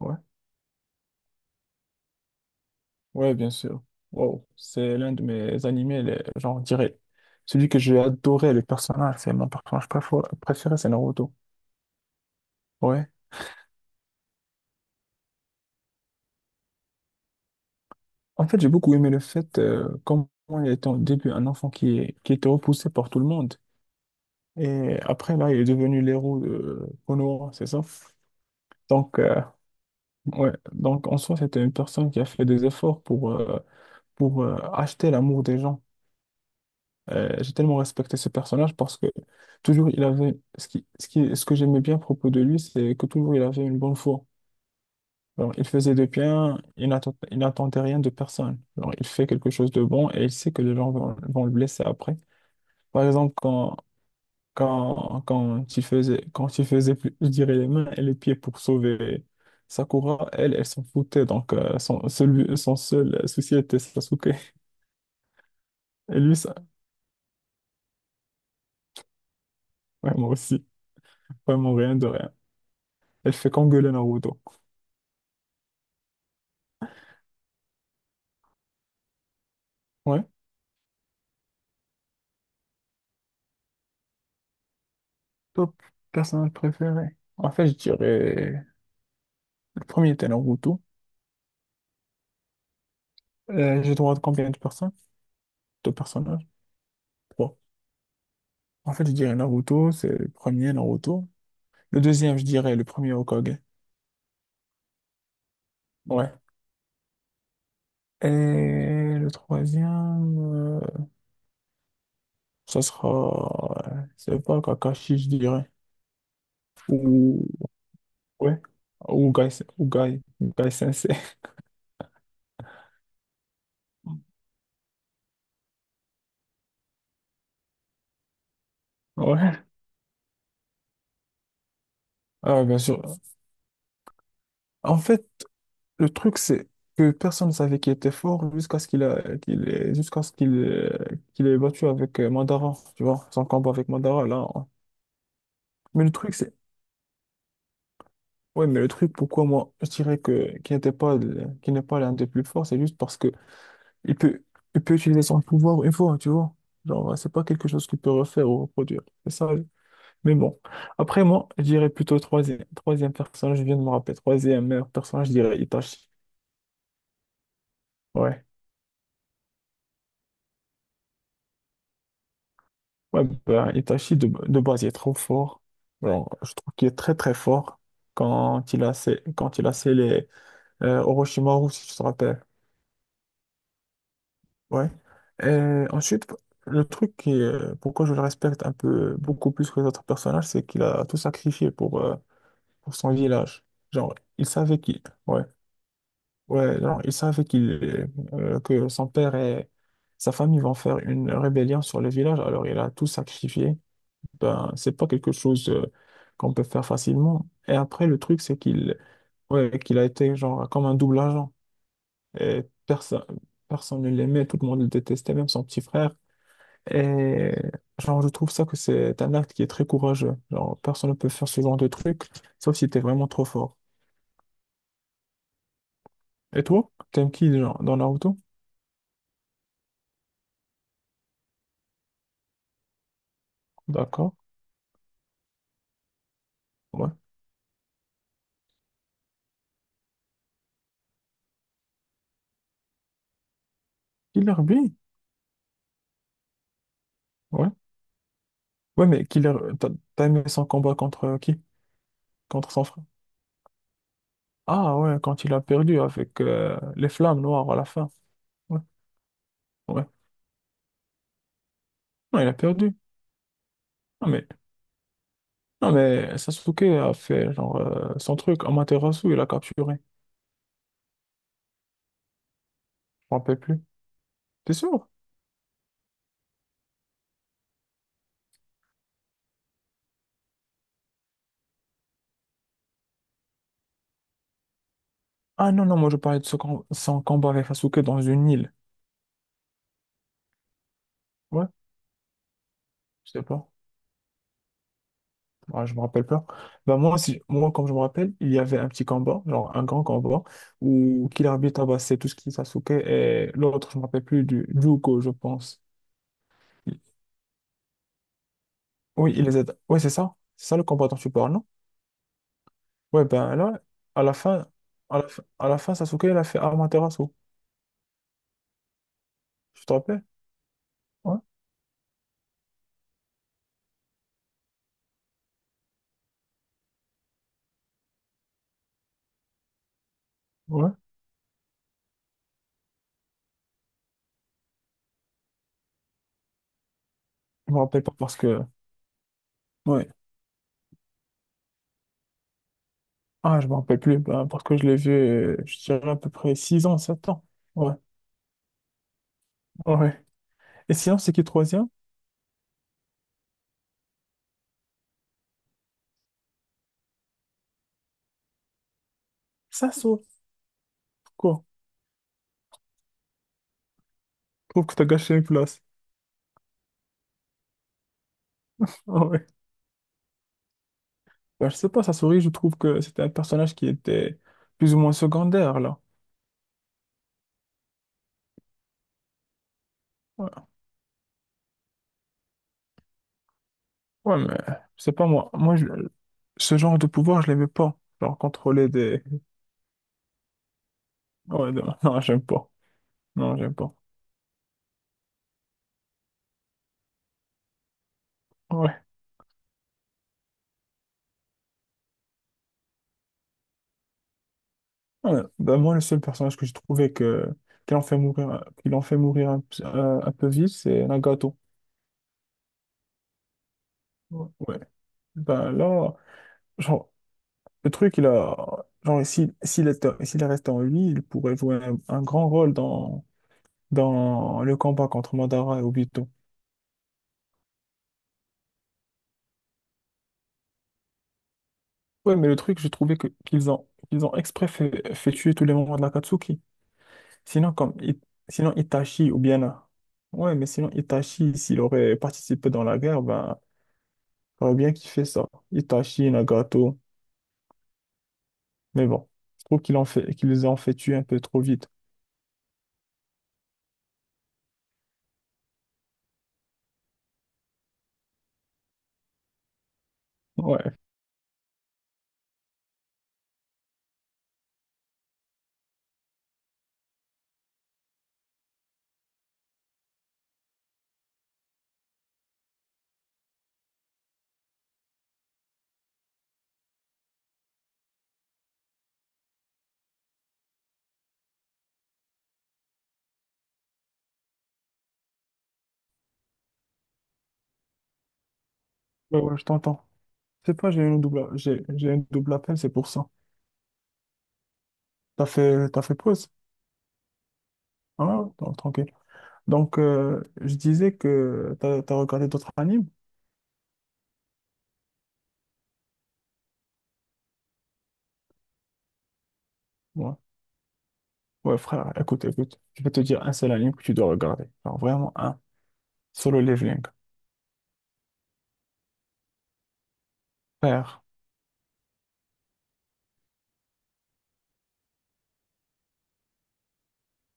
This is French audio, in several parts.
Ouais, ouais, bien sûr. Wow, c'est l'un de mes animés, genre, je dirais, celui que j'ai adoré, le personnage, c'est mon personnage préféré, c'est Naruto. Ouais. En fait, j'ai beaucoup aimé le fait, comment il était au début un enfant qui était repoussé par tout le monde. Et après, là, il est devenu l'héros de Konoha, c'est ça? Donc, euh, ouais, donc en soi, c'était une personne qui a fait des efforts pour acheter l'amour des gens. J'ai tellement respecté ce personnage parce que toujours il avait ce que j'aimais bien à propos de lui, c'est que toujours il avait une bonne foi. Alors, il faisait de bien, il n'attendait rien de personne. Alors, il fait quelque chose de bon et il sait que les gens vont le blesser après. Par exemple, quand il faisait, je dirais, les mains et les pieds pour sauver Sakura, elle s'en foutait. Donc, son seul souci était Sasuke. Et lui, ça, vraiment aussi, vraiment rien de rien. Elle fait qu'engueuler Naruto. Ouais, top personnage préféré. En fait, je dirais. Le premier était Naruto. J'ai droit à combien de personnes? Deux personnages? Trois. En fait, je dirais Naruto, c'est le premier Naruto. Le deuxième, je dirais le premier Hokage. Ouais. Et le troisième, ça sera. Je sais pas, Kakashi, je dirais. Ou. Ouais. Ou Gai, ou Gai Sensei. Ouais. Ah, bien sûr. En fait. Le truc, c'est que personne ne savait qu'il était fort jusqu'à ce qu'il a, qu'il ait- jusqu'à ce qu'il qu'il ait battu avec Mandara, tu vois, son combat avec Mandara, là, hein. Mais le truc, c'est, ouais, mais le truc, pourquoi moi, je dirais que, qu'il n'était pas, le- qu'il n'est pas l'un des plus forts, c'est juste parce que il peut, il peut utiliser son pouvoir une fois, tu vois. Genre, c'est pas quelque chose qu'il peut refaire ou reproduire. C'est ça. Mais bon. Après, moi, je dirais plutôt troisième personnage, je viens de me rappeler, troisième meilleur personnage, je dirais Itachi. Ouais. Ouais, ben, Itachi, de base, il est trop fort. Genre, je trouve qu'il est très, très fort quand il a scellé Orochimaru, si tu te rappelles. Ouais. Et ensuite, le truc pourquoi je le respecte un peu beaucoup plus que les autres personnages, c'est qu'il a tout sacrifié pour son village. Genre, il savait qu'il. Ouais. Ouais, genre, il savait que son père et sa famille vont faire une rébellion sur le village, alors il a tout sacrifié. Ben, c'est pas quelque chose, qu'on peut faire facilement. Et après, le truc, c'est qu'il a été genre comme un double agent. Et personne ne l'aimait, tout le monde le détestait, même son petit frère. Et genre, je trouve ça que c'est un acte qui est très courageux. Genre, personne ne peut faire ce genre de truc, sauf si t'es vraiment trop fort. Et toi, t'aimes qui genre, dans Naruto? D'accord, ouais. Killer Bee, ouais. Ouais, mais Killer, t'as aimé son combat contre qui? Contre son frère? Ah ouais, quand il a perdu avec les flammes noires à la fin. Ouais, ouais. Non, il a perdu. Non, mais, non, mais Sasuke a fait genre son truc. Amaterasu, il a capturé. Je m'en rappelle plus. T'es sûr? Ah non, non, moi je parlais de son combat avec Sasuke dans une île. Ouais, je sais pas. Ouais, je me rappelle pas. Bah moi, si, moi, comme je me rappelle, il y avait un petit combat, genre un grand combat, où Kilabi tabassait tout ce qui est Sasuke et l'autre, je me rappelle plus, du Jugo, je pense. Oui, il les aide. Oui, c'est ça. C'est ça le combat dont tu parles, non? Ouais, ben là, à la fin, à la fin, à la fin, Sasuke, il a fait Amaterasu. Tu te rappelles? Ouais, ouais. Je me rappelle pas parce que. Ouais. Ah, je me rappelle plus. Ben, parce que je l'ai vu, je dirais à peu près 6 ans, 7 ans. Ouais, ouais. Et sinon, c'est qui troisième? Sasuke. Quoi? Je trouve que t'as gâché une place. Ah ouais. Ben, je sais pas, Sasori, je trouve que c'était un personnage qui était plus ou moins secondaire, là. Ouais, ouais mais je sais pas, moi. Moi, ce genre de pouvoir, je l'aimais pas. Genre, contrôler des. Ouais, non, non, j'aime pas. Non, j'aime pas. Ouais. Ouais. Bah, moi, le seul personnage que j'ai trouvé qu'il en fait mourir un peu vite, c'est Nagato. Ouais. Ouais. Bah, là, genre, le truc, il a. Genre, s'il est resté en vie, il pourrait jouer un grand rôle dans le combat contre Madara et Obito. Ouais, mais le truc, j'ai trouvé qu'ils ont exprès fait tuer tous les membres de l'Akatsuki. Sinon, comme, I- sinon Itachi ou bien. Ouais, mais sinon, Itachi, s'il aurait participé dans la guerre, ben. J'aurais bien kiffé ça. Itachi, Nagato. Mais bon, je trouve qu'ils les ont fait tuer un peu trop vite. Ouais, ouais, ouais, je t'entends. C'est pas, j'ai une double appel, c'est pour ça. T'as fait pause? Ah, non, tranquille. Donc, je disais que t'as regardé d'autres animes? Ouais. Ouais, frère, écoute, écoute. Je vais te dire un seul anime que tu dois regarder. Alors, vraiment un. Solo Leveling. Frère.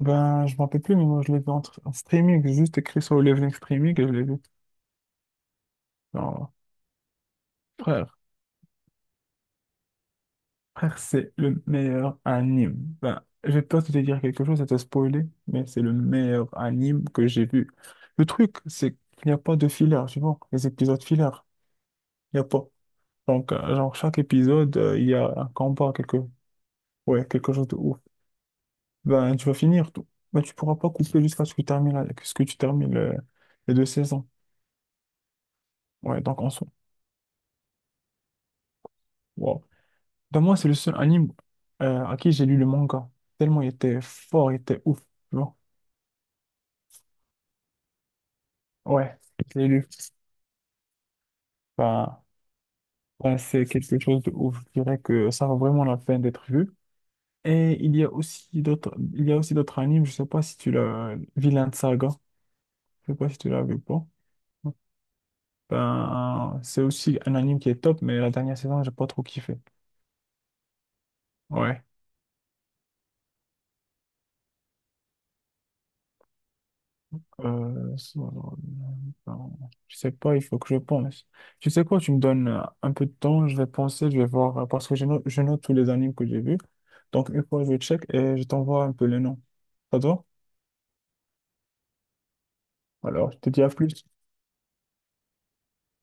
Ben, je m'en rappelle plus, mais moi, je l'ai vu en streaming. J'ai juste écrit Solo Leveling streaming et je l'ai vu. Non, frère. Frère, c'est le meilleur anime. Ben, j'ai peur de te dire quelque chose, ça te spoiler, mais c'est le meilleur anime que j'ai vu. Le truc, c'est qu'il n'y a pas de filler, tu vois, les épisodes filler, il n'y a pas. Donc, genre, chaque épisode, il y a un combat, quelque chose de ouf. Ben, tu vas finir tout. Ben, tu pourras pas couper jusqu'à ce que tu termines, que ce que tu termines les deux saisons. Ouais, donc en soi, wow. Ben, moi, c'est le seul anime à qui j'ai lu le manga. Tellement il était fort, il était ouf, tu vois. Ouais, je l'ai lu. Enfin, enfin, c'est quelque chose de ouf. Je dirais que ça vaut vraiment la peine d'être vu. Et il y a aussi d'autres animes. Je sais pas si tu l'as, Vinland Saga. Je sais pas si tu l'as vu ou pas. Ben, c'est aussi un anime qui est top, mais la dernière saison, j'ai pas trop kiffé. Ouais. Ça, alors, ben, je sais pas, il faut que je pense. Tu sais quoi, tu me donnes un peu de temps, je vais penser, je vais voir, parce que je note tous les animes que j'ai vus. Donc, une fois, je check et je t'envoie un peu les noms. Ça te va? Alors, je te dis à plus.